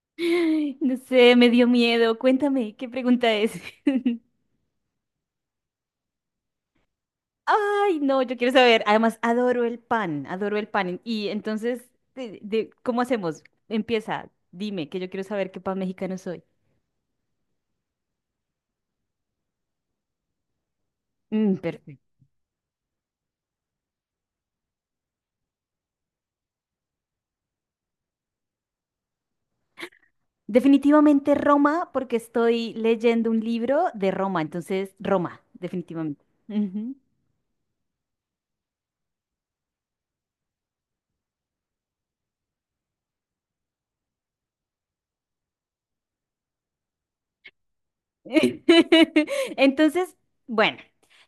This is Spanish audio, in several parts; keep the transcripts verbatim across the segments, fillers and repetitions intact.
Ay, no sé, me dio miedo. Cuéntame, ¿qué pregunta es? Ay, no, yo quiero saber. Además, adoro el pan, adoro el pan. Y entonces, de, de- ¿cómo hacemos? Empieza, dime, que yo quiero saber qué pan mexicano soy. Mm, perfecto. Definitivamente Roma, porque estoy leyendo un libro de Roma, entonces Roma, definitivamente. Ujú. Entonces, bueno,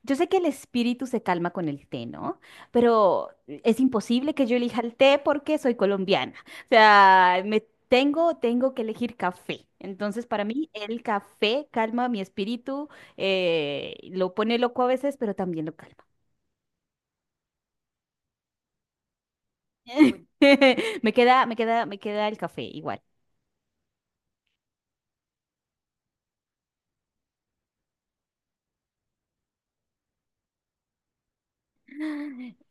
yo sé que el espíritu se calma con el té, ¿no? Pero es imposible que yo elija el té porque soy colombiana. O sea, me tengo, tengo que elegir café. Entonces, para mí, el café calma mi espíritu, eh, lo pone loco a veces, pero también lo calma. Me queda, me queda, me queda el café igual.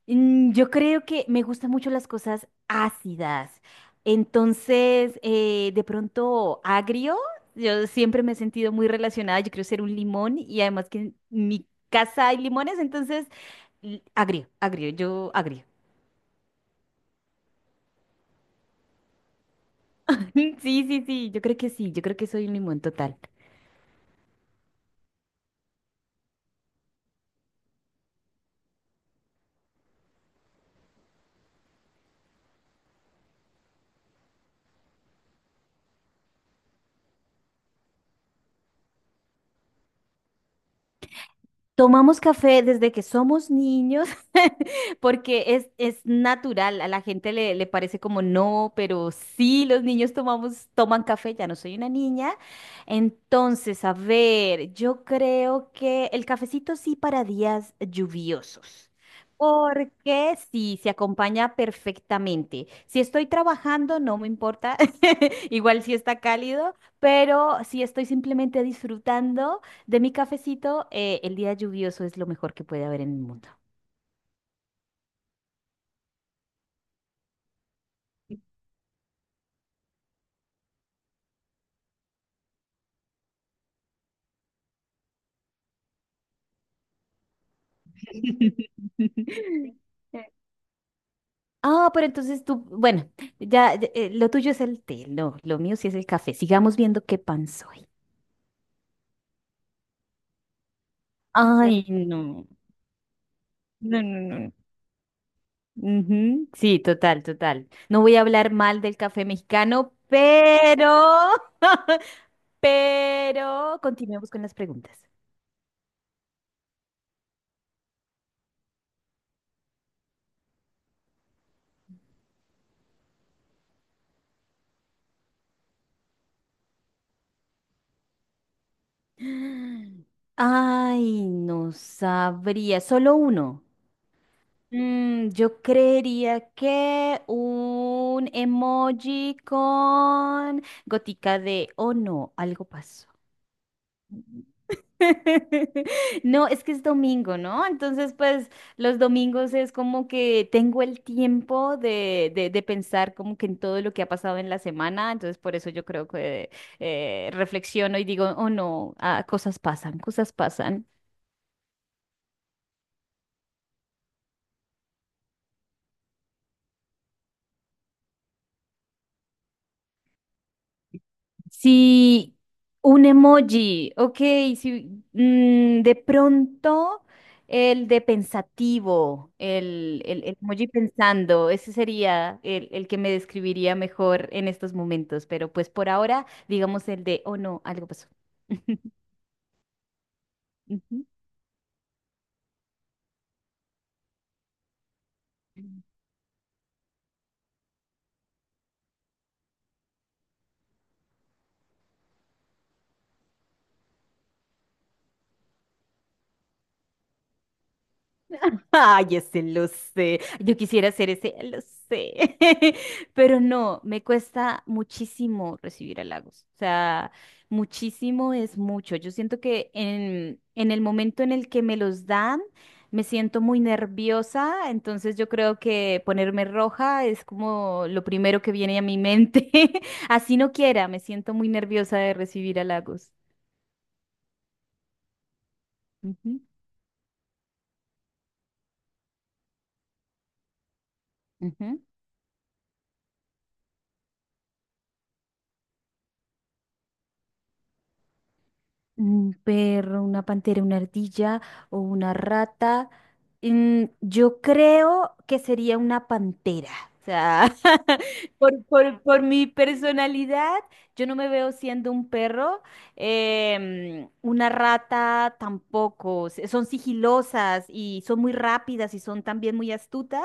Mm, Yo creo que me gustan mucho las cosas ácidas. Entonces, eh, de pronto, agrio, yo siempre me he sentido muy relacionada. Yo quiero ser un limón y además que en mi casa hay limones, entonces, l- agrio, agrio, yo agrio. Sí, sí, sí, yo creo que sí, yo creo que soy un limón total. Tomamos café desde que somos niños porque es, es natural, a la gente le, le parece como no, pero sí, los niños tomamos, toman café, ya no soy una niña. Entonces, a ver, yo creo que el cafecito sí para días lluviosos. Porque sí, se acompaña perfectamente. Si estoy trabajando, no me importa, igual si está cálido, pero si estoy simplemente disfrutando. De mi cafecito, eh, el día lluvioso es lo mejor que puede haber en el mundo. Ah, pero entonces tú, bueno, ya, ya, eh, lo tuyo es el té, no, lo mío sí es el café. Sigamos viendo qué pan soy. Ay, no, no, no, no. Ujú, sí, total, total. No voy a hablar mal del café mexicano, pero, pero continuemos con las preguntas. Ay, no sabría, solo uno. Mm, yo creería que un emoji con gotica de, oh no, algo pasó. No, es que es domingo, ¿no? Entonces, pues los domingos es como que tengo el tiempo de, de, de pensar como que en todo lo que ha pasado en la semana, entonces por eso yo creo que eh, reflexiono y digo, oh no, ah, cosas pasan, cosas pasan. Sí, un emoji, ok, sí, mm, de pronto el de pensativo, el, el- el emoji pensando, ese sería el, el que me describiría mejor en estos momentos, pero pues por ahora digamos el de, oh no, algo pasó. Ujú. Ay, ese lo sé. Yo quisiera ser ese, lo sé. Pero no, me cuesta muchísimo recibir halagos. O sea, muchísimo es mucho. Yo siento que en, en el momento en el que me los dan, me siento muy nerviosa. Entonces yo creo que ponerme roja es como lo primero que viene a mi mente. Así no quiera, me siento muy nerviosa de recibir halagos. Ujú, ujú. Un perro, una pantera, una ardilla o una rata. Mm, yo creo que sería una pantera. O sea, por, por- por mi personalidad, yo no me veo siendo un perro, em, una rata tampoco. S- Son sigilosas y son muy rápidas y son también muy astutas,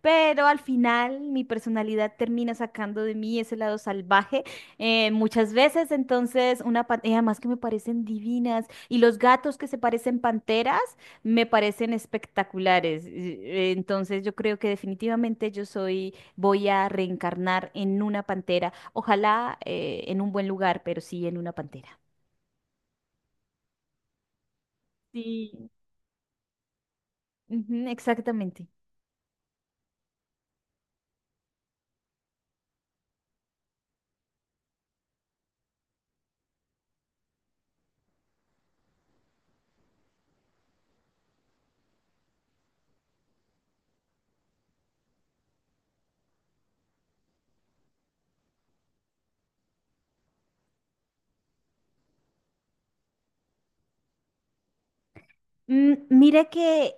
pero al final mi personalidad termina sacando de mí ese lado salvaje eh, muchas veces, entonces, una pan- además que me parecen divinas. Y los gatos que se parecen panteras me parecen espectaculares. Eh, Entonces, yo creo que definitivamente yo soy, voy a reencarnar en una pantera. Ojalá eh, en un buen lugar, pero sí en una pantera. Sí. Ujú, exactamente. Mm, Mira que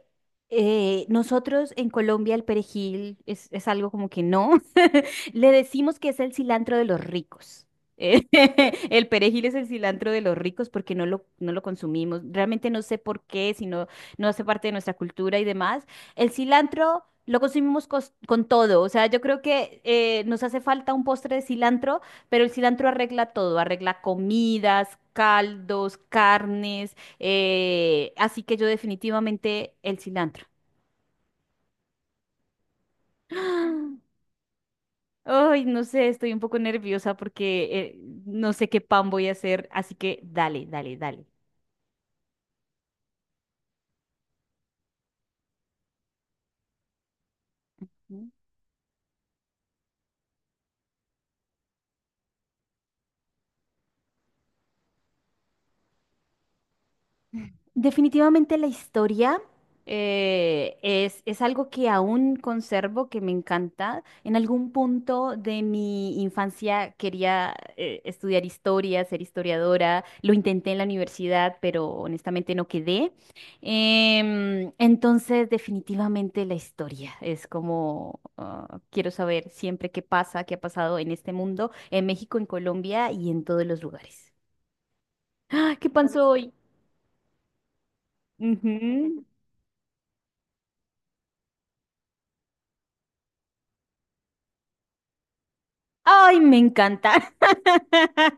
eh, nosotros en Colombia el perejil es, es algo como que no. Le decimos que es el cilantro de los ricos. Eh, el perejil es el cilantro de los ricos porque no lo, no lo consumimos. Realmente no sé por qué, si no, no hace parte de nuestra cultura y demás. El cilantro lo consumimos cos- con todo. O sea, yo creo que eh, nos hace falta un postre de cilantro, pero el cilantro arregla todo, arregla comidas, caldos, carnes. Eh, así que yo definitivamente el cilantro. ¡Ah! Ay, no sé, estoy un poco nerviosa porque eh, no sé qué pan voy a hacer, así que dale, dale, dale. Definitivamente la historia eh, es, es algo que aún conservo, que me encanta. En algún punto de mi infancia quería eh, estudiar historia, ser historiadora. Lo intenté en la universidad, pero honestamente no quedé. Em, entonces, definitivamente la historia es como ah, quiero saber siempre qué pasa, qué ha pasado en este mundo, en México, en Colombia y en todos los lugares. ¡Ah! ¿Qué pasó hoy? Ujú. Ay, me encanta.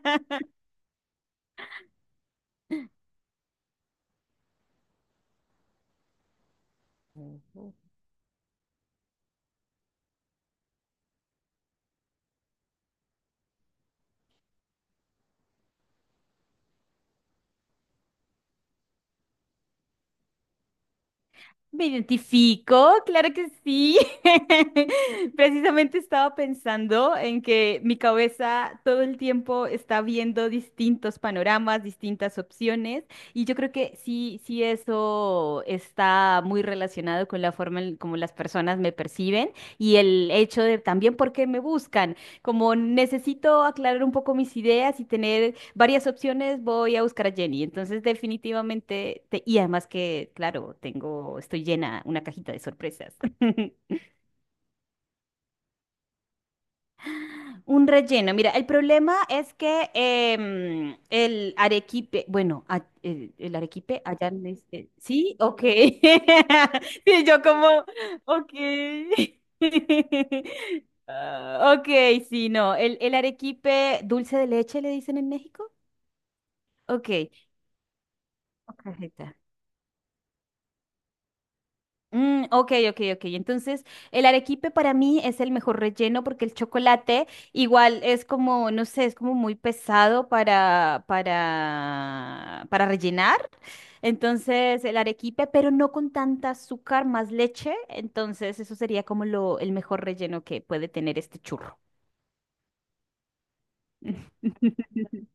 Me identifico, claro que sí. Precisamente estaba pensando en que mi cabeza todo el tiempo está viendo distintos panoramas, distintas opciones, y yo creo que sí, sí eso está muy relacionado con la forma en como las personas me perciben y el hecho de también por qué me buscan. Como necesito aclarar un poco mis ideas y tener varias opciones, voy a buscar a Jenny. Entonces, definitivamente, te- y además que, claro, tengo, estoy llena, una cajita de sorpresas. Un relleno. Mira, el problema es que em, el arequipe, bueno, a- el, el arequipe allá le dice- sí, ok. Sí, yo como, ok. Ah, ok, sí, no. El, el arequipe dulce de leche le dicen en México. Ok. Ok, Mm, ok, ok, ok. Entonces, el arequipe para mí es el mejor relleno porque el chocolate igual es como, no sé, es como muy pesado para, para, para rellenar. Entonces, el arequipe, pero no con tanta azúcar, más leche. Entonces, eso sería como lo, el mejor relleno que puede tener este churro.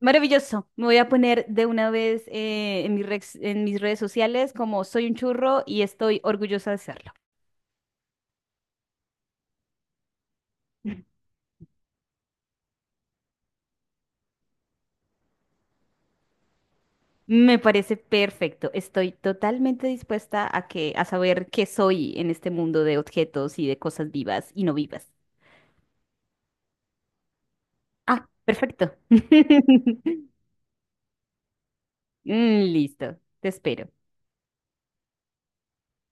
Maravilloso. Me voy a poner de una vez eh, en mis rex- en mis redes sociales como soy un churro y estoy orgullosa de serlo. Me parece perfecto. Estoy totalmente dispuesta a que, a saber qué soy en este mundo de objetos y de cosas vivas y no vivas. Ah, perfecto. Mm, listo. Te espero.